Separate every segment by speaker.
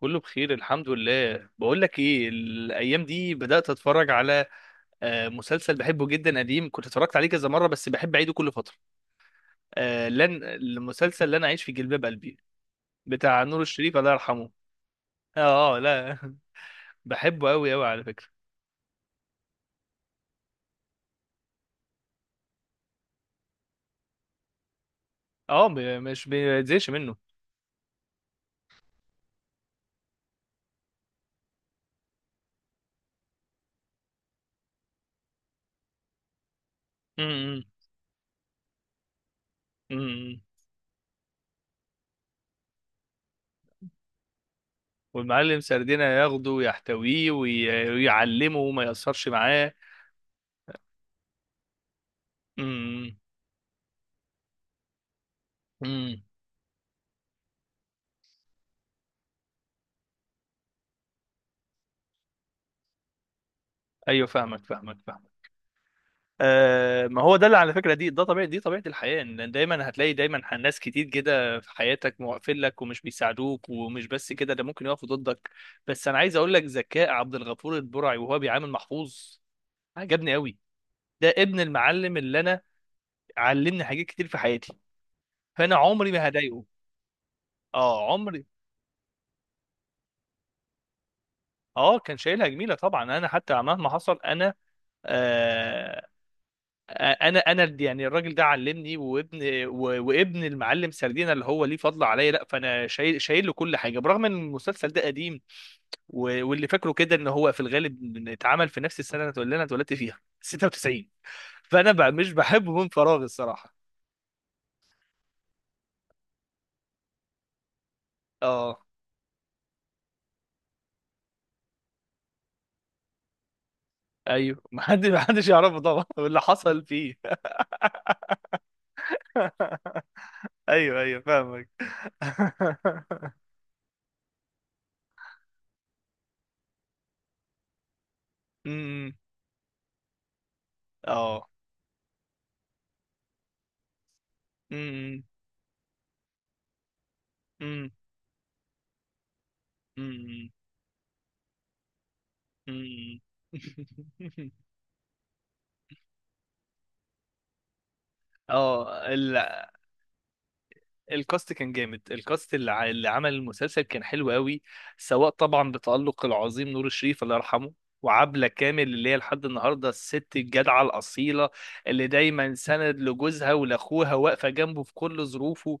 Speaker 1: كله بخير الحمد لله. بقول لك ايه الايام دي بدات اتفرج على مسلسل بحبه جدا قديم. كنت اتفرجت عليه كذا مره، بس بحب اعيده كل فتره. لن المسلسل لن اعيش في جلباب قلبي. بتاع نور الشريف الله يرحمه. اه، آه، لا. بحبه قوي قوي على فكره. اه، مش بيتزهقش منه. م- م- م- والمعلم سردينة ياخده ويحتويه، ويعلمه وما يأثرش معاه. م- م- ايوه، فاهمك فاهمك فاهمك. ما هو ده اللي على فكره، دي ده طبيعي، دي طبيعه الحياه ان دايما هتلاقي دايما ناس كتير كده في حياتك مقفل لك ومش بيساعدوك، ومش بس كده ده ممكن يقفوا ضدك. بس انا عايز اقول لك ذكاء عبد الغفور البرعي وهو بيعامل محفوظ عجبني قوي. ده ابن المعلم اللي انا علمني حاجات كتير في حياتي، فانا عمري ما هضايقه. اه، عمري. اه، كان شايلها جميله طبعا، انا حتى مهما حصل انا. آه، انا يعني الراجل ده علمني، وابن المعلم سردينا اللي هو ليه فضل عليا، لا فانا شايل له كل حاجه برغم ان المسلسل ده قديم. واللي فاكره كده ان هو في الغالب إن اتعمل في نفس السنه اللي انا اتولدت فيها 96. فانا بقى مش بحبه من فراغ الصراحه. اه. ايوه، ما حدش يعرفه طبعا واللي حصل فيه. ايوه ايوه، فاهمك. امم. اه. امم. امم. امم. اه، الكاست كان جامد، الكاست اللي عمل المسلسل كان حلو قوي. سواء طبعا بتألق العظيم نور الشريف الله يرحمه، وعبلة كامل اللي هي لحد النهارده الست الجدعة الأصيلة، اللي دايما سند لجوزها ولأخوها، واقفة جنبه في كل ظروفه.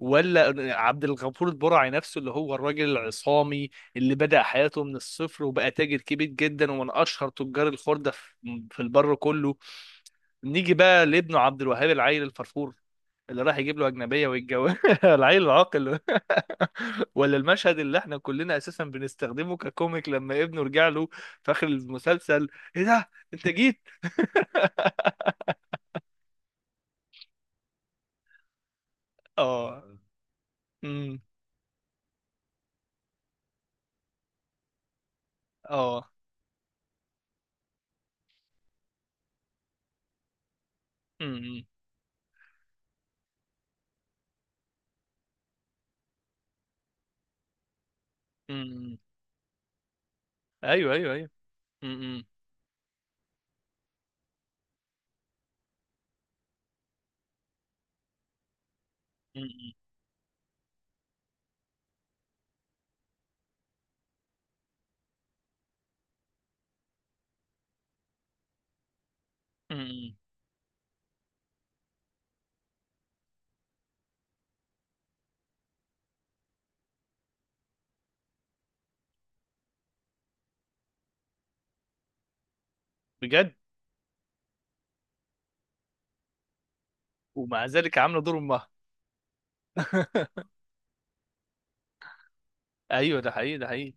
Speaker 1: ولا عبد الغفور البرعي نفسه اللي هو الراجل العصامي، اللي بدأ حياته من الصفر وبقى تاجر كبير جدا، ومن أشهر تجار الخردة في البر كله. نيجي بقى لابنه عبد الوهاب، العيل الفرفور اللي راح يجيب له اجنبيه ويتجوز. العيل العاقل. ولا المشهد اللي احنا كلنا اساسا بنستخدمه ككوميك لما ابنه رجع له في اخر المسلسل: ايه ده انت جيت؟ اه. امم. اه. امم. امم. ايوه ايوه ايوه. امم. امم. بجد؟ ومع ذلك عامله دور امها. ايوه، ده حقيقي ده حقيقي.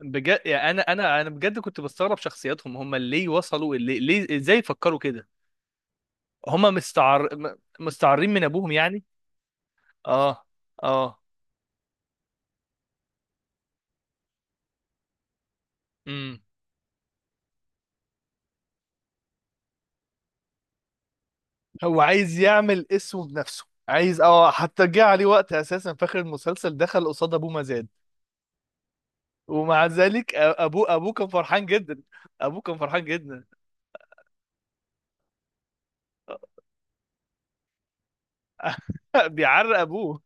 Speaker 1: بجد، يعني انا بجد كنت بستغرب شخصياتهم هم ليه وصلوا ليه، ازاي فكروا كده. هم مستعارين من ابوهم يعني. اه. اه. امم. هو عايز يعمل اسمه بنفسه، عايز اه، حتى جه عليه وقت اساسا في اخر المسلسل دخل قصاد ابوه مزاد. ومع ذلك ابوه كان فرحان جدا. ابوه كان فرحان جدا. بيعرق ابوه.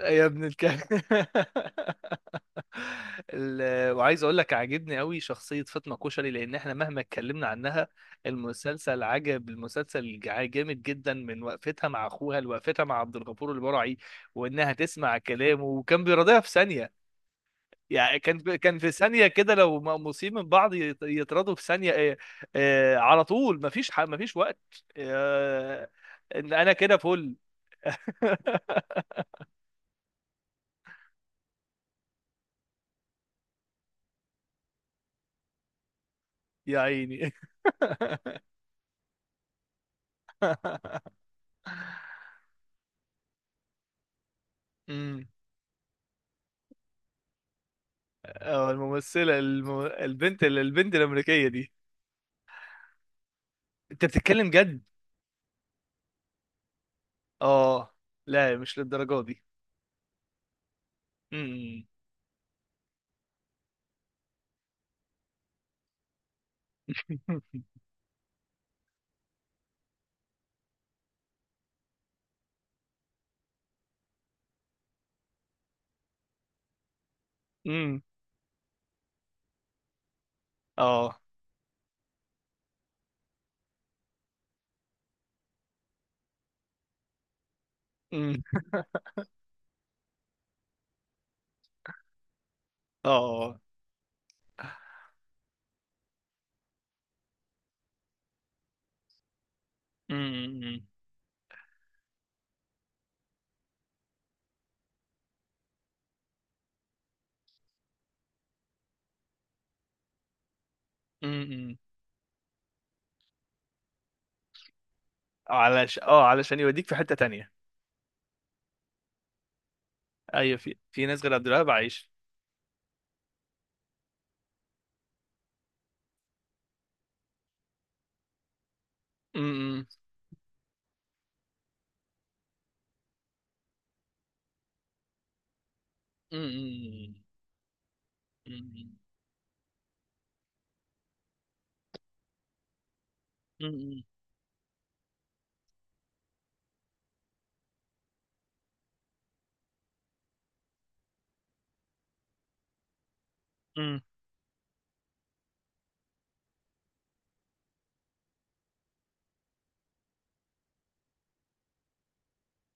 Speaker 1: يا ابن الكلب. وعايز اقول لك عاجبني قوي شخصيه فاطمه كشري، لان احنا مهما اتكلمنا عنها، المسلسل عجب، المسلسل جامد جدا، من وقفتها مع اخوها لوقفتها مع عبد الغفور البرعي، وانها تسمع كلامه وكان بيراضيها في ثانيه. يعني كان في ثانيه كده لو مقموسين من بعض يتراضوا في ثانيه. على طول مفيش وقت. آه، ان انا كده فل. يا عيني. امم. اه، الممثلة البنت الأمريكية دي. أنت بتتكلم جد؟ اه، لا مش للدرجة دي. امم. امم. اه. امم. اه. امم. امم. علشان يوديك في حتة تانية. ايوه، في ناس غير عبد الوهاب عايش. امم. امم. امم. امم.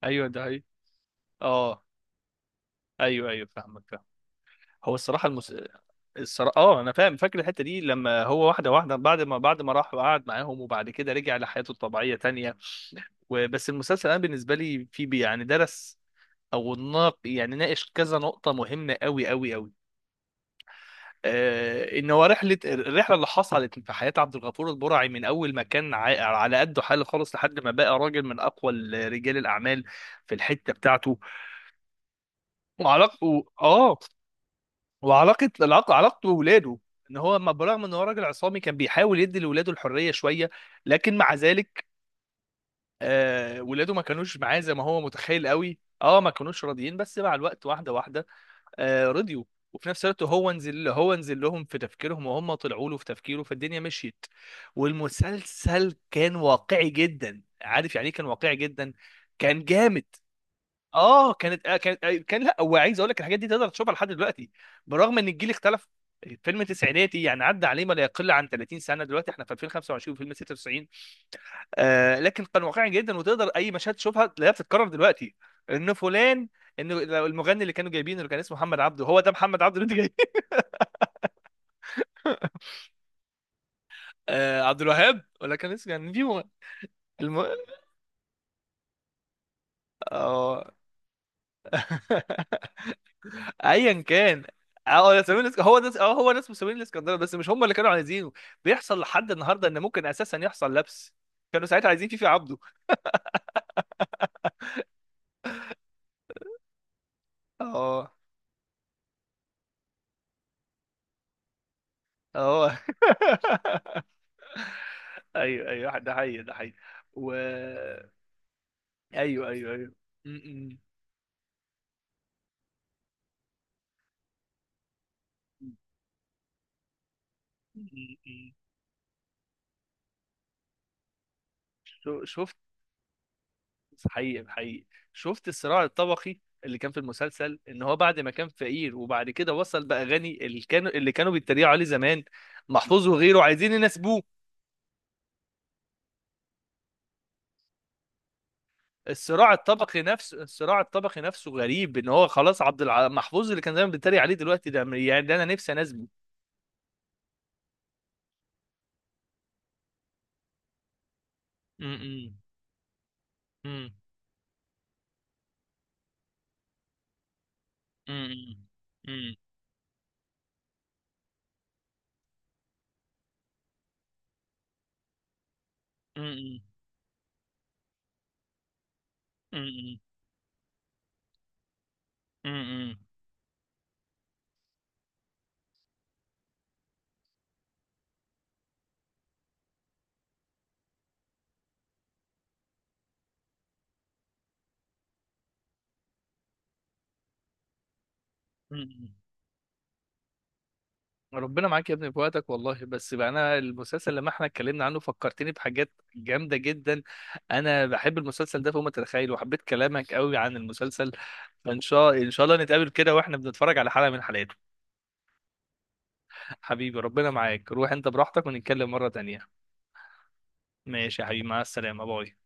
Speaker 1: ايوه ده هي. اه. ايوه ايوه، فاهمك فاهم. هو الصراحة المس... الصراحه، اه، انا فاهم، فاكر الحته دي لما هو واحده واحده، بعد ما راح وقعد معاهم، وبعد كده رجع لحياته الطبيعيه تانية. وبس المسلسل انا بالنسبه لي يعني درس. او يعني ناقش كذا نقطه مهمه قوي قوي قوي. آه، ان هو الرحله اللي حصلت في حياه عبد الغفور البرعي من اول ما كان على قده حاله خالص لحد ما بقى راجل من اقوى رجال الاعمال في الحته بتاعته. وعلاقته اه وعلاقه العلاقه علاقته بولاده. ان هو ما برغم ان هو راجل عصامي كان بيحاول يدي لولاده الحريه شويه، لكن مع ذلك ولاده ما كانوش معاه زي ما هو متخيل قوي. اه، ما كانوش راضيين، بس مع الوقت واحده واحده رضيوا. وفي نفس الوقت هو نزل لهم في تفكيرهم، وهم طلعوا له في تفكيره، فالدنيا مشيت. والمسلسل كان واقعي جدا، عارف يعني ايه؟ كان واقعي جدا، كان جامد. اه، كان، لا هو عايز اقول لك الحاجات دي تقدر تشوفها لحد دلوقتي. برغم ان الجيل اختلف، فيلم تسعيناتي يعني عدى عليه ما لا يقل عن 30 سنه، دلوقتي احنا في 2025 وفيلم 96. آه، لكن كان واقعي جدا، وتقدر اي مشهد تشوفها تلاقيها بتتكرر دلوقتي. ان فلان، ان لو المغني اللي كانوا جايبينه اللي كان اسمه محمد عبده، هو ده محمد عبده اللي انت جايبه؟ آه، عبد الوهاب، ولا كان اسمه يعني نجيبه. الم... اه. ايا كان، اه هو ناس مسؤولين الاسكندريه، بس مش هم اللي كانوا عايزينه. بيحصل لحد النهارده ان ممكن اساسا يحصل لبس. كانوا ساعتها عايزين فيفي عبده. اه. اه. ايوه ايوه، ده حقيقي ده حقيقي. و ايوه ايوه ايوه. م- م- م- م- شفت. حقيقي حقيقي. شفت الصراع الطبقي اللي كان في المسلسل، ان هو بعد ما كان فقير وبعد كده وصل بقى غني، اللي كانوا بيتريقوا عليه زمان. محفوظ وغيره عايزين يناسبوه. الصراع الطبقي نفسه، الصراع الطبقي نفسه غريب، ان هو خلاص محفوظ اللي كان زمان بيتريق عليه دلوقتي ده، يعني ده انا نفسي انزله. امم. امم. امم. امم. امم. امم. امم. امم. ربنا معاك يا ابني في وقتك والله، بس بقى انا المسلسل لما احنا اتكلمنا عنه فكرتني بحاجات جامده جدا. انا بحب المسلسل ده فوق ما تتخيل، وحبيت كلامك قوي عن المسلسل. فان شاء ان شاء الله نتقابل كده واحنا بنتفرج على حلقه من حلقاته. حبيبي ربنا معاك، روح انت براحتك، ونتكلم مره تانية. ماشي يا حبيبي، مع السلامة، باي.